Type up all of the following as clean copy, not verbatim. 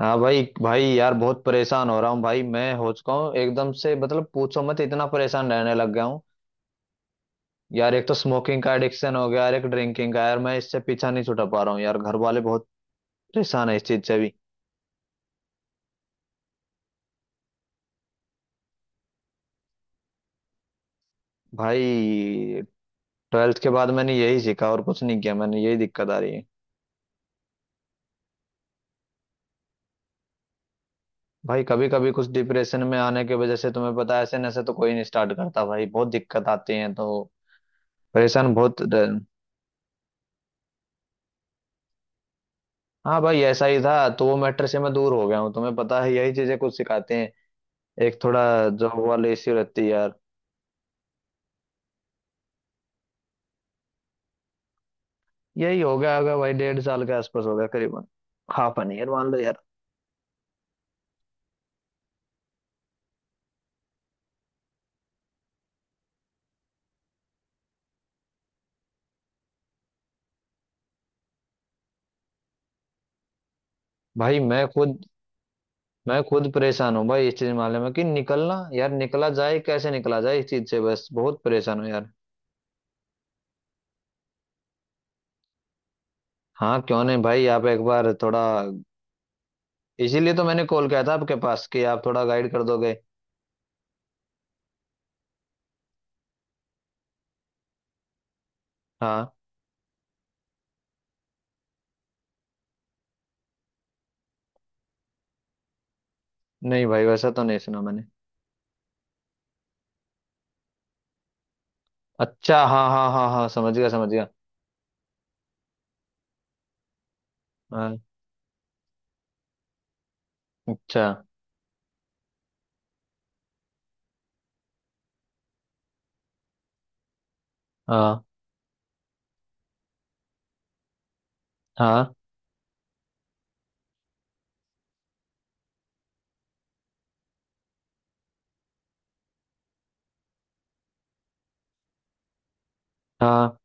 हाँ भाई भाई यार, बहुत परेशान हो रहा हूँ भाई। मैं हो चुका हूँ एकदम से, मतलब पूछो मत, इतना परेशान रहने लग गया हूँ। यार एक तो स्मोकिंग का एडिक्शन हो गया यार, एक ड्रिंकिंग का। यार मैं इससे पीछा नहीं छुड़ा पा रहा हूँ यार, घर वाले बहुत परेशान है इस चीज से भी। भाई ट्वेल्थ के बाद मैंने यही सीखा और कुछ नहीं किया, मैंने यही दिक्कत आ रही है। भाई कभी कभी कुछ डिप्रेशन में आने की वजह से, तुम्हें पता है ऐसे नशे तो कोई नहीं स्टार्ट करता भाई, बहुत दिक्कत आती है तो परेशान बहुत हाँ भाई ऐसा ही था, तो वो मैटर से मैं दूर हो गया हूँ। तुम्हें पता है यही चीजें कुछ सिखाते हैं। एक थोड़ा जॉब वाले इश्यू रहती है यार। यही हो गया होगा भाई, डेढ़ साल के आसपास होगा करीबन, हाफ एन ईयर मान लो यार। भाई मैं खुद, मैं खुद परेशान हूँ भाई इस चीज मामले में, कि निकलना यार, निकला जाए कैसे, निकला जाए इस चीज से, बस बहुत परेशान हूँ यार। हाँ क्यों नहीं भाई, आप एक बार थोड़ा, इसीलिए तो मैंने कॉल किया था आपके पास कि आप थोड़ा गाइड कर दोगे। हाँ। नहीं भाई वैसा तो नहीं सुना मैंने। अच्छा हाँ हाँ हाँ हाँ, समझ गया समझ गया। हाँ। अच्छा। हाँ हाँ। हाँ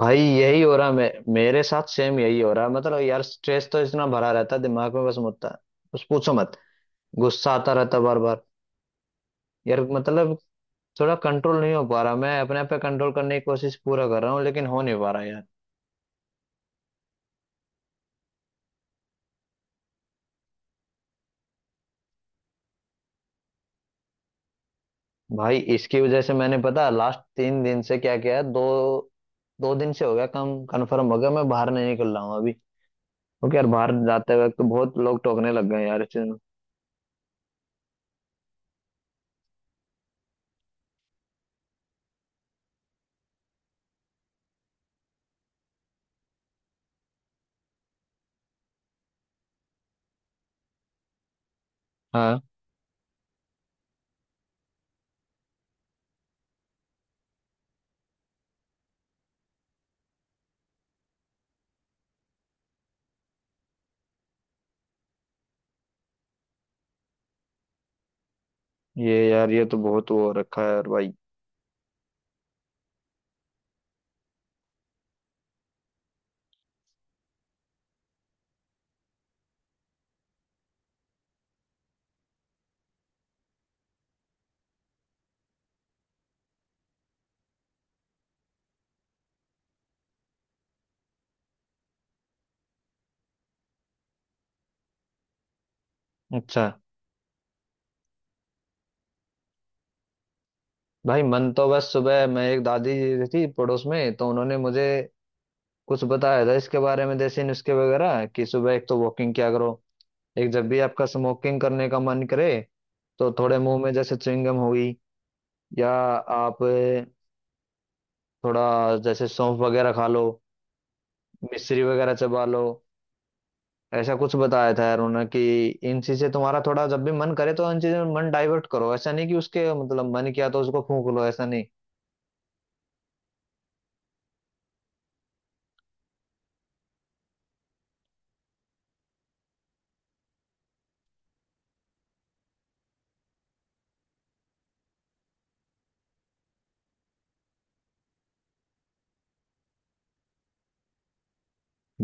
भाई यही हो रहा मेरे साथ, सेम यही हो रहा, मतलब यार स्ट्रेस तो इतना भरा रहता है दिमाग में, बस मुद्दा, बस पूछो मत। गुस्सा आता रहता बार बार। यार मतलब थोड़ा कंट्रोल नहीं हो पा रहा, मैं अपने आप पे कंट्रोल करने की कोशिश पूरा कर रहा हूँ लेकिन हो नहीं पा रहा यार। भाई इसकी वजह से मैंने पता लास्ट 3 दिन से क्या किया है, दो दो दिन से हो गया कम, कंफर्म हो गया, मैं बाहर नहीं निकल रहा हूँ अभी, क्योंकि यार बाहर जाते वक्त तो बहुत लोग टोकने लग गए यार इस चीज़ में। हाँ, ये यार, ये तो बहुत वो हो रखा है यार भाई। अच्छा। भाई मन तो बस, सुबह मैं, एक दादी जी थी पड़ोस में तो उन्होंने मुझे कुछ बताया था इसके बारे में, देसी नुस्खे वगैरह कि सुबह एक तो वॉकिंग किया करो। एक जब भी आपका स्मोकिंग करने का मन करे, तो थोड़े मुंह में जैसे च्युइंगम हो गई, या आप थोड़ा जैसे सौंफ वगैरह खा लो, मिश्री वगैरह चबा लो। ऐसा कुछ बताया था यार उन्होंने, कि इन चीजें तुम्हारा थोड़ा जब भी मन करे तो इन चीजों में मन डाइवर्ट करो, ऐसा नहीं कि उसके मतलब मन किया तो उसको फूंक लो, ऐसा नहीं।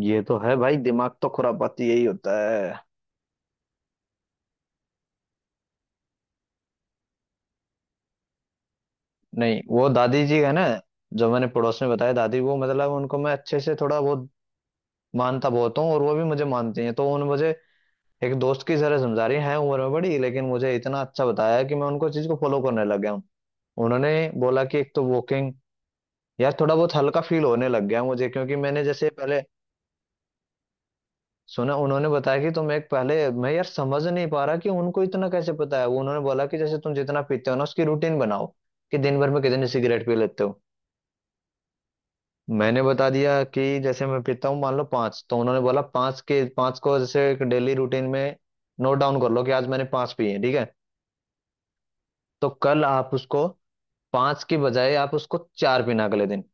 ये तो है भाई, दिमाग तो खुरापाती यही होता है। नहीं वो दादी जी है ना, जो मैंने पड़ोस में बताया, दादी, वो मतलब उनको मैं अच्छे से थोड़ा बहुत मानता बहुत हूँ और वो भी मुझे मानती हैं। तो उन्होंने मुझे एक दोस्त की तरह समझा रही हैं, उम्र में बड़ी लेकिन मुझे इतना अच्छा बताया कि मैं उनको चीज को फॉलो करने लग गया हूँ। उन्होंने बोला कि एक तो वॉकिंग, यार थोड़ा बहुत हल्का फील होने लग गया मुझे, क्योंकि मैंने जैसे पहले सुना, उन्होंने बताया कि तुम एक, पहले, मैं यार समझ नहीं पा रहा कि उनको इतना कैसे पता है। वो उन्होंने बोला कि जैसे तुम जितना पीते हो ना, उसकी रूटीन बनाओ, कि दिन भर में कितने सिगरेट पी लेते हो। मैंने बता दिया कि जैसे मैं पीता हूँ मान लो पांच, तो उन्होंने बोला पांच के पांच को जैसे एक डेली रूटीन में नोट डाउन कर लो कि आज मैंने पांच पी है, ठीक है। तो कल आप उसको पांच की बजाय आप उसको चार पीना अगले दिन,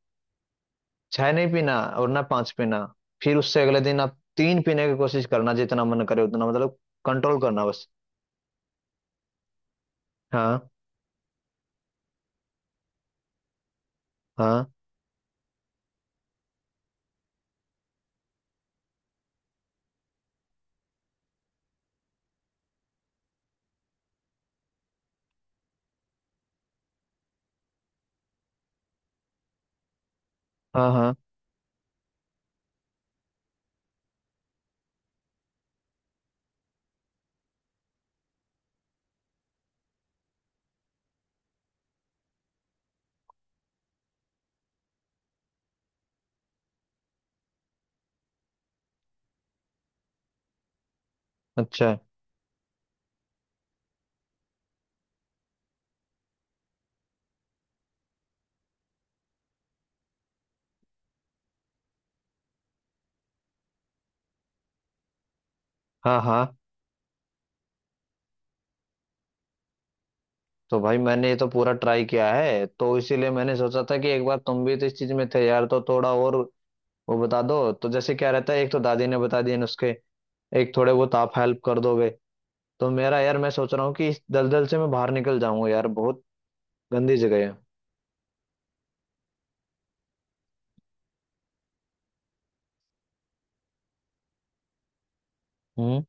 छह नहीं पीना और ना पांच पीना। फिर उससे अगले दिन आप तीन पीने की कोशिश करना, जितना मन करे उतना, मतलब कंट्रोल करना बस। हाँ हाँ हाँ हाँ। अच्छा। हाँ हाँ। तो भाई मैंने ये तो पूरा ट्राई किया है, तो इसीलिए मैंने सोचा था कि एक बार तुम भी तो इस चीज में थे यार, तो थोड़ा और वो बता दो तो, जैसे क्या रहता है। एक तो दादी ने बता दिया नुस्खे, एक थोड़े बहुत आप हेल्प कर दोगे, तो मेरा यार, मैं सोच रहा हूँ कि इस दलदल से मैं बाहर निकल जाऊंगा यार, बहुत गंदी जगह है। हम्म।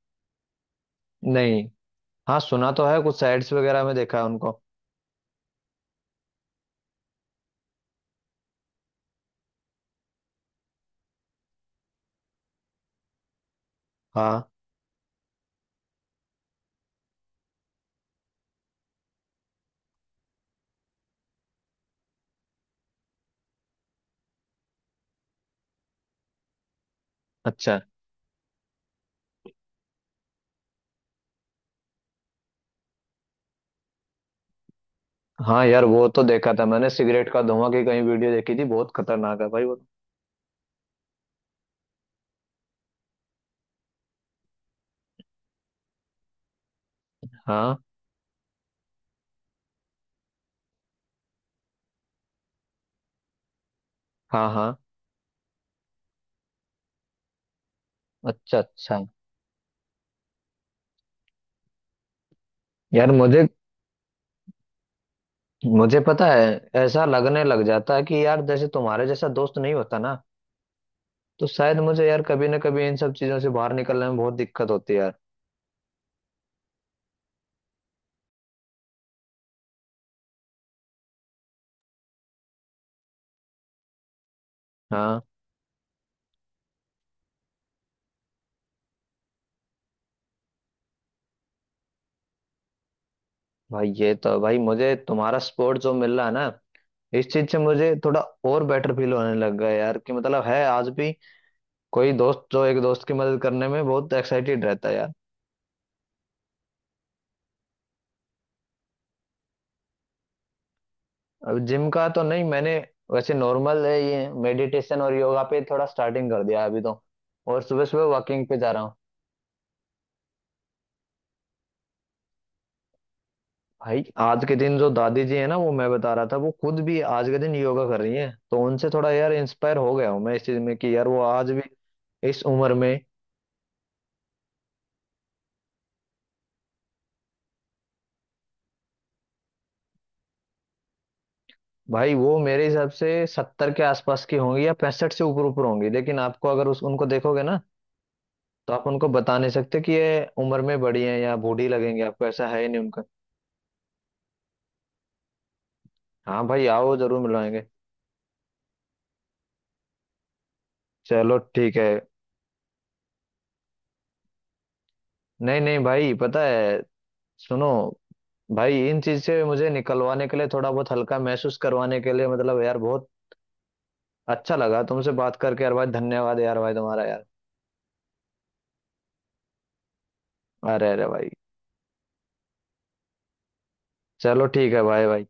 नहीं। हाँ सुना तो है, कुछ साइट्स वगैरह में देखा है उनको। हाँ। अच्छा। हाँ यार वो तो देखा था मैंने, सिगरेट का धुआं की कहीं वीडियो देखी थी, बहुत खतरनाक है भाई वो। हाँ हाँ हाँ। अच्छा अच्छा। यार मुझे, मुझे पता है, ऐसा लगने लग जाता है कि यार जैसे तुम्हारे जैसा दोस्त नहीं होता ना, तो शायद मुझे यार कभी ना कभी इन सब चीजों से बाहर निकलने में बहुत दिक्कत होती है यार। हाँ भाई, ये तो भाई मुझे तुम्हारा सपोर्ट जो मिल रहा है ना इस चीज से, मुझे थोड़ा और बेटर फील होने लग गया यार, कि मतलब है आज भी कोई दोस्त जो एक दोस्त की मदद करने में बहुत एक्साइटेड रहता है यार। अब जिम का तो नहीं मैंने, वैसे नॉर्मल है, ये मेडिटेशन और योगा पे थोड़ा स्टार्टिंग कर दिया है अभी तो, और सुबह सुबह वॉकिंग पे जा रहा हूँ। भाई आज के दिन जो दादी जी है ना, वो मैं बता रहा था, वो खुद भी आज के दिन योगा कर रही हैं, तो उनसे थोड़ा यार इंस्पायर हो गया हूँ मैं इस चीज में कि यार वो आज भी इस उम्र में। भाई वो मेरे हिसाब से 70 के आसपास की होंगी या 65 से ऊपर ऊपर होंगी, लेकिन आपको अगर उस उनको देखोगे ना, तो आप उनको बता नहीं सकते कि ये उम्र में बड़ी हैं या बूढ़ी लगेंगे आपको, ऐसा है ही नहीं उनका। हाँ भाई आओ जरूर मिलवाएंगे। चलो ठीक है। नहीं नहीं भाई, पता है, सुनो भाई, इन चीज से मुझे निकलवाने के लिए, थोड़ा बहुत हल्का महसूस करवाने के लिए, मतलब यार बहुत अच्छा लगा तुमसे बात करके यार भाई, धन्यवाद यार भाई तुम्हारा यार। अरे अरे भाई। चलो ठीक है भाई भाई।